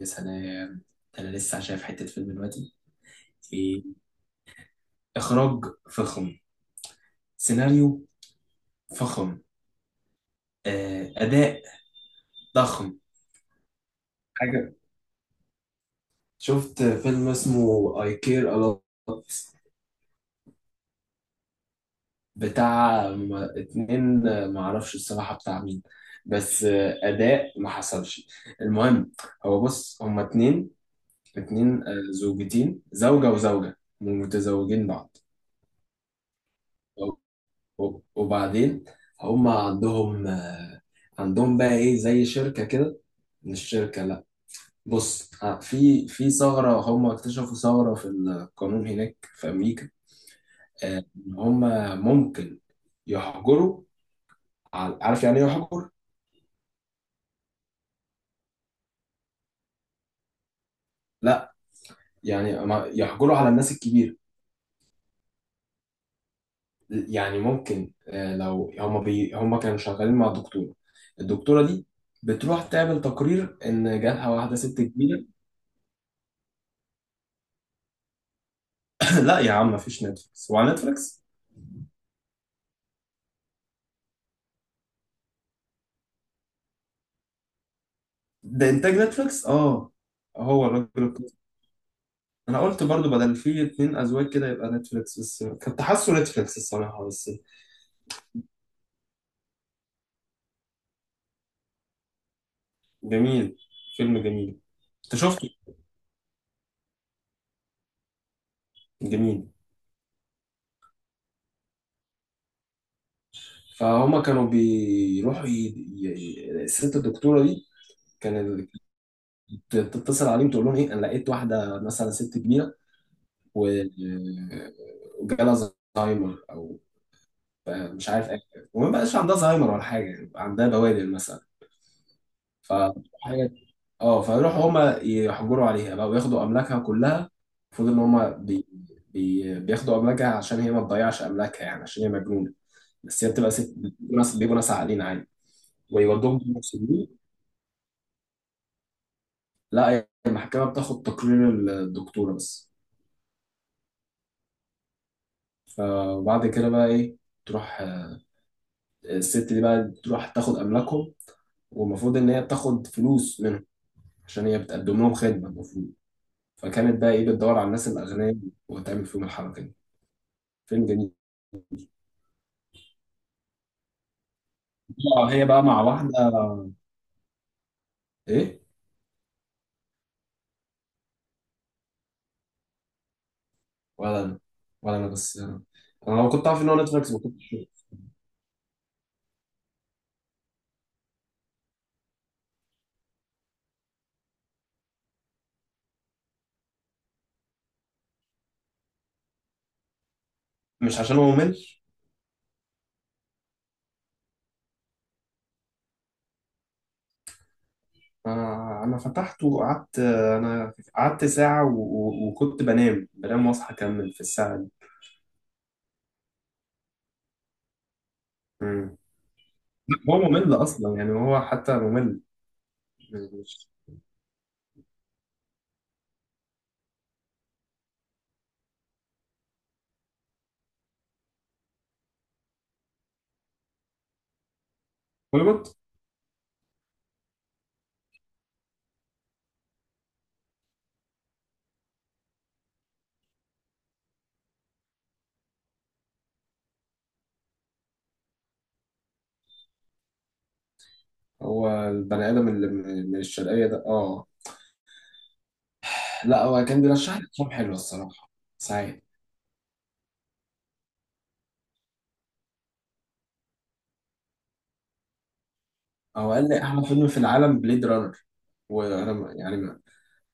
يا سلام. ده انا لسه شايف حته فيلم دلوقتي، ايه؟ اخراج فخم، سيناريو فخم، اداء ضخم. حاجه، شفت فيلم اسمه I Care A Lot. بتاع اتنين، معرفش الصراحه بتاع مين، بس اداء ما حصلش. المهم، هو بص، هما اتنين، اتنين، زوجتين، زوجه وزوجه متزوجين بعض. وبعدين هم عندهم عندهم بقى ايه، زي شركة كده، مش شركة، لا. بص، في ثغرة، هم اكتشفوا ثغرة في القانون هناك في أمريكا، إن هم ممكن يحجروا على، عارف يعني ايه يحجر؟ لا، يعني يحجروا على الناس الكبيرة. يعني ممكن لو هم هم كانوا شغالين مع دكتورة، الدكتورة دي بتروح تعمل تقرير إن جالها واحدة ست كبيرة. لا يا عم، مفيش نتفليكس، هو على نتفليكس؟ ده انتاج نتفليكس، اه. هو الراجل القصة، انا قلت برضو بدل فيه اتنين ازواج كده يبقى نتفليكس، بس كنت حاسه نتفليكس الصراحة بس. جميل، فيلم جميل. انت شفته؟ جميل. فهما كانوا بيروحوا الست الدكتورة دي كان تتصل عليهم، تقول لهم ايه، انا لقيت واحدة مثلا ست كبيرة، و وجالها زهايمر او مش عارف ايه، وما بقاش عندها زهايمر ولا حاجة، عندها بوادر مثلا. ف حاجة- اه، فيروحوا هما يحجروا عليها بقى وياخدوا املاكها كلها. المفروض ان هما بياخدوا املاكها عشان هي ما تضيعش املاكها، يعني عشان هي مجنونه، بس هي بتبقى ست، بيبقوا ناس، بيبقوا ناس عاقلين عادي، ويودوهم للمسجون. لا، هي المحكمه بتاخد تقرير الدكتوره بس. فبعد كده بقى ايه، تروح الست دي بقى تروح تاخد املاكهم، والمفروض ان هي بتاخد فلوس منهم عشان هي بتقدم لهم خدمه المفروض. فكانت بقى ايه، بتدور على الناس الاغنياء وتعمل فيهم الحركه دي. فيلم جميل. هي بقى مع واحدة، ايه؟ ولا انا، ولا انا، بس انا لو كنت عارف ان هو نتفليكس ما كنتش. مش عشان هو ممل، انا فتحته وقعدت، انا قعدت ساعة وكنت بنام، بنام واصحى اكمل في الساعة دي. مم. هو ممل اصلا يعني، هو حتى ممل. مش هوليوود. هو البني ادم اللي من الشرقية ده، اه، لا هو كان بيرشح لي افلام حلوه الصراحه، ساعات. هو قال لي احلى فيلم في العالم بليد رانر، وانا يعني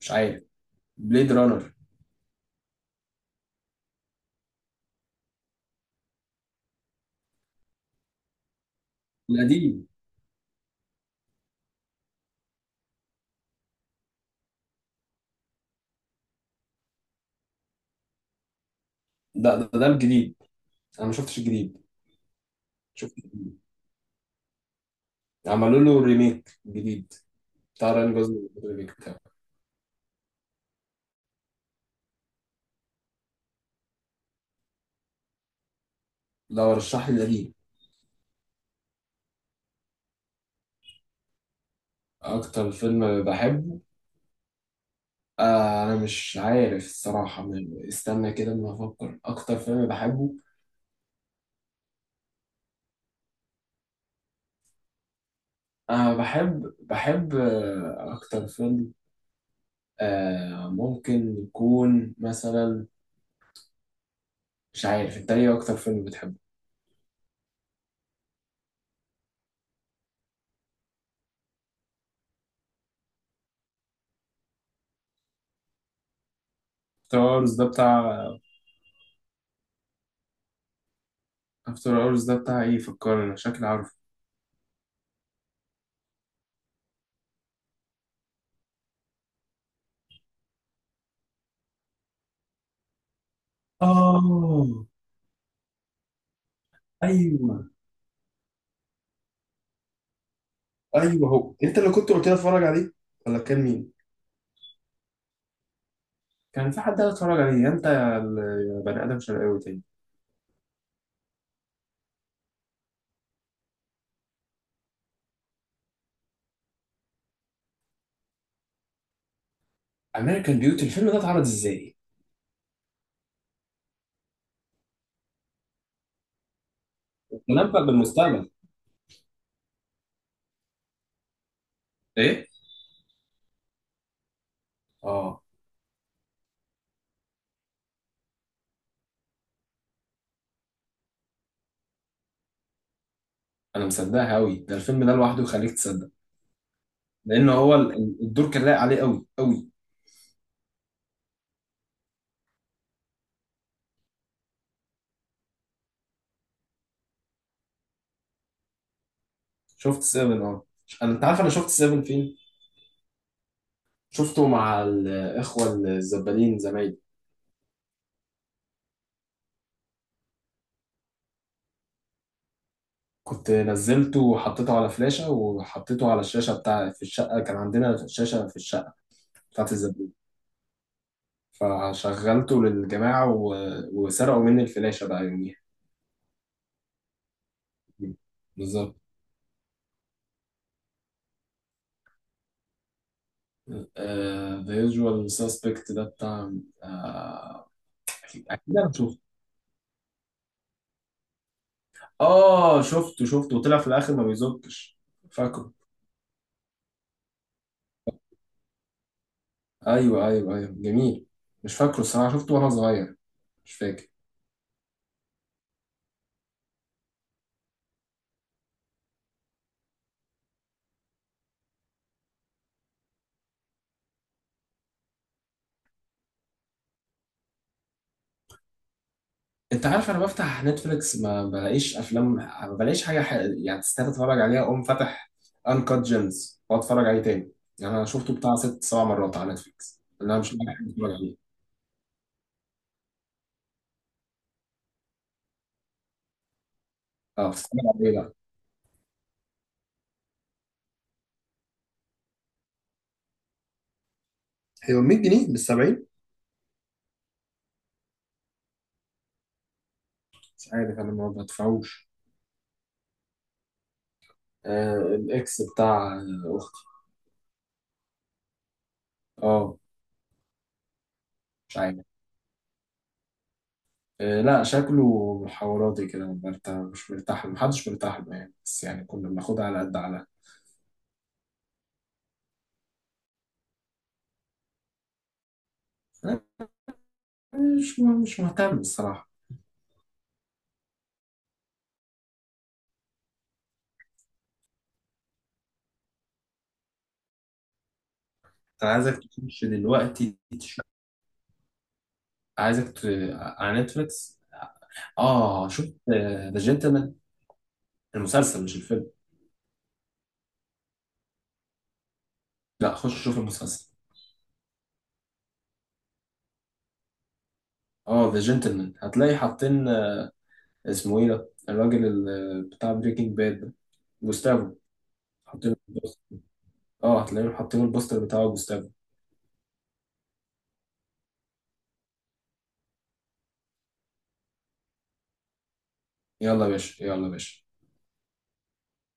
مش عارف بليد رانر القديم. ده الجديد، انا ما شفتش الجديد، شفت عملوا له ريميك جديد بتاع راين جوزلينج، الريميك بتاعه، لو رشح لي القديم. اكتر فيلم بحبه، آه انا مش عارف الصراحه، استنى كده اما افكر اكتر فيلم بحبه. انا بحب اكتر فيلم، آه ممكن يكون مثلا، مش عارف، انت ايه اكتر فيلم بتحبه؟ افتر اورز ده بتاع، افتر اورز ده بتاع ايه، فكرني، شكلي عارف. آه ايوه، ايوه، هو انت اللي كنت قلت لي اتفرج عليه ولا كان مين؟ كان في حد قال اتفرج عليه انت يا يا بني ادم شرقاوي تاني. امريكان بيوتي، الفيلم ده اتعرض ازاي؟ تنبأ بالمستقبل. ايه؟ اه، انا مصدقها قوي، ده الفيلم ده لوحده يخليك تصدق، لان هو الدور كان لايق عليه قوي قوي. شفت سيفن، اه. انا، انت عارف انا شفت سيفن فين؟ شفته مع الاخوه الزبالين زمايلي. كنت نزلته وحطيته على فلاشه، وحطيته على الشاشه بتاع في الشقه، كان عندنا شاشه في الشقه بتاعت الزبالين، فشغلته للجماعة وسرقوا مني الفلاشة بقى يوميها. بالظبط. ذا يوجوال سسبكت ده بتاع آه، اكيد اكيد انا شفته، اه شفته شفته، وطلع في الاخر ما بيزكش. فاكره. ايوه ايوه ايوه، جميل، مش فاكره الصراحة، شفته وانا صغير، مش فاكر. انت عارف انا بفتح نتفليكس ما بلاقيش افلام، ما بلاقيش حاجه يعني تستاهل اتفرج عليها، اقوم فاتح انكات جيمز واتفرج عليه تاني. يعني انا شفته بتاع ست سبع مرات على نتفليكس اللي انا مش لاقي حاجه اتفرج عليه. اه، بتتفرج على ايه بقى؟ هو 100 جنيه بال 70؟ مش عارف، انا ما بدفعوش. آه الاكس بتاع اختي. اه، مش عارف، آه لا شكله محاوراتي كده، مرتاح مش مرتاح له. محدش مرتاح له يعني، بس يعني كنا بناخدها على قد على، مش مش مهتم الصراحه. انا عايزك تخش دلوقتي تشوف، عايزك على نتفليكس. اه، شفت ذا جنتلمان؟ المسلسل مش الفيلم، لا خش شوف المسلسل. اه ذا جنتلمان، هتلاقي حاطين اسمه ايه ده، الراجل بتاع بريكنج باد ده، جوستافو، حاطين له البوستر، اه هتلاقيهم حاطين البوستر بتاعه جوستافو. يلا يا باشا، يلا يا باشا.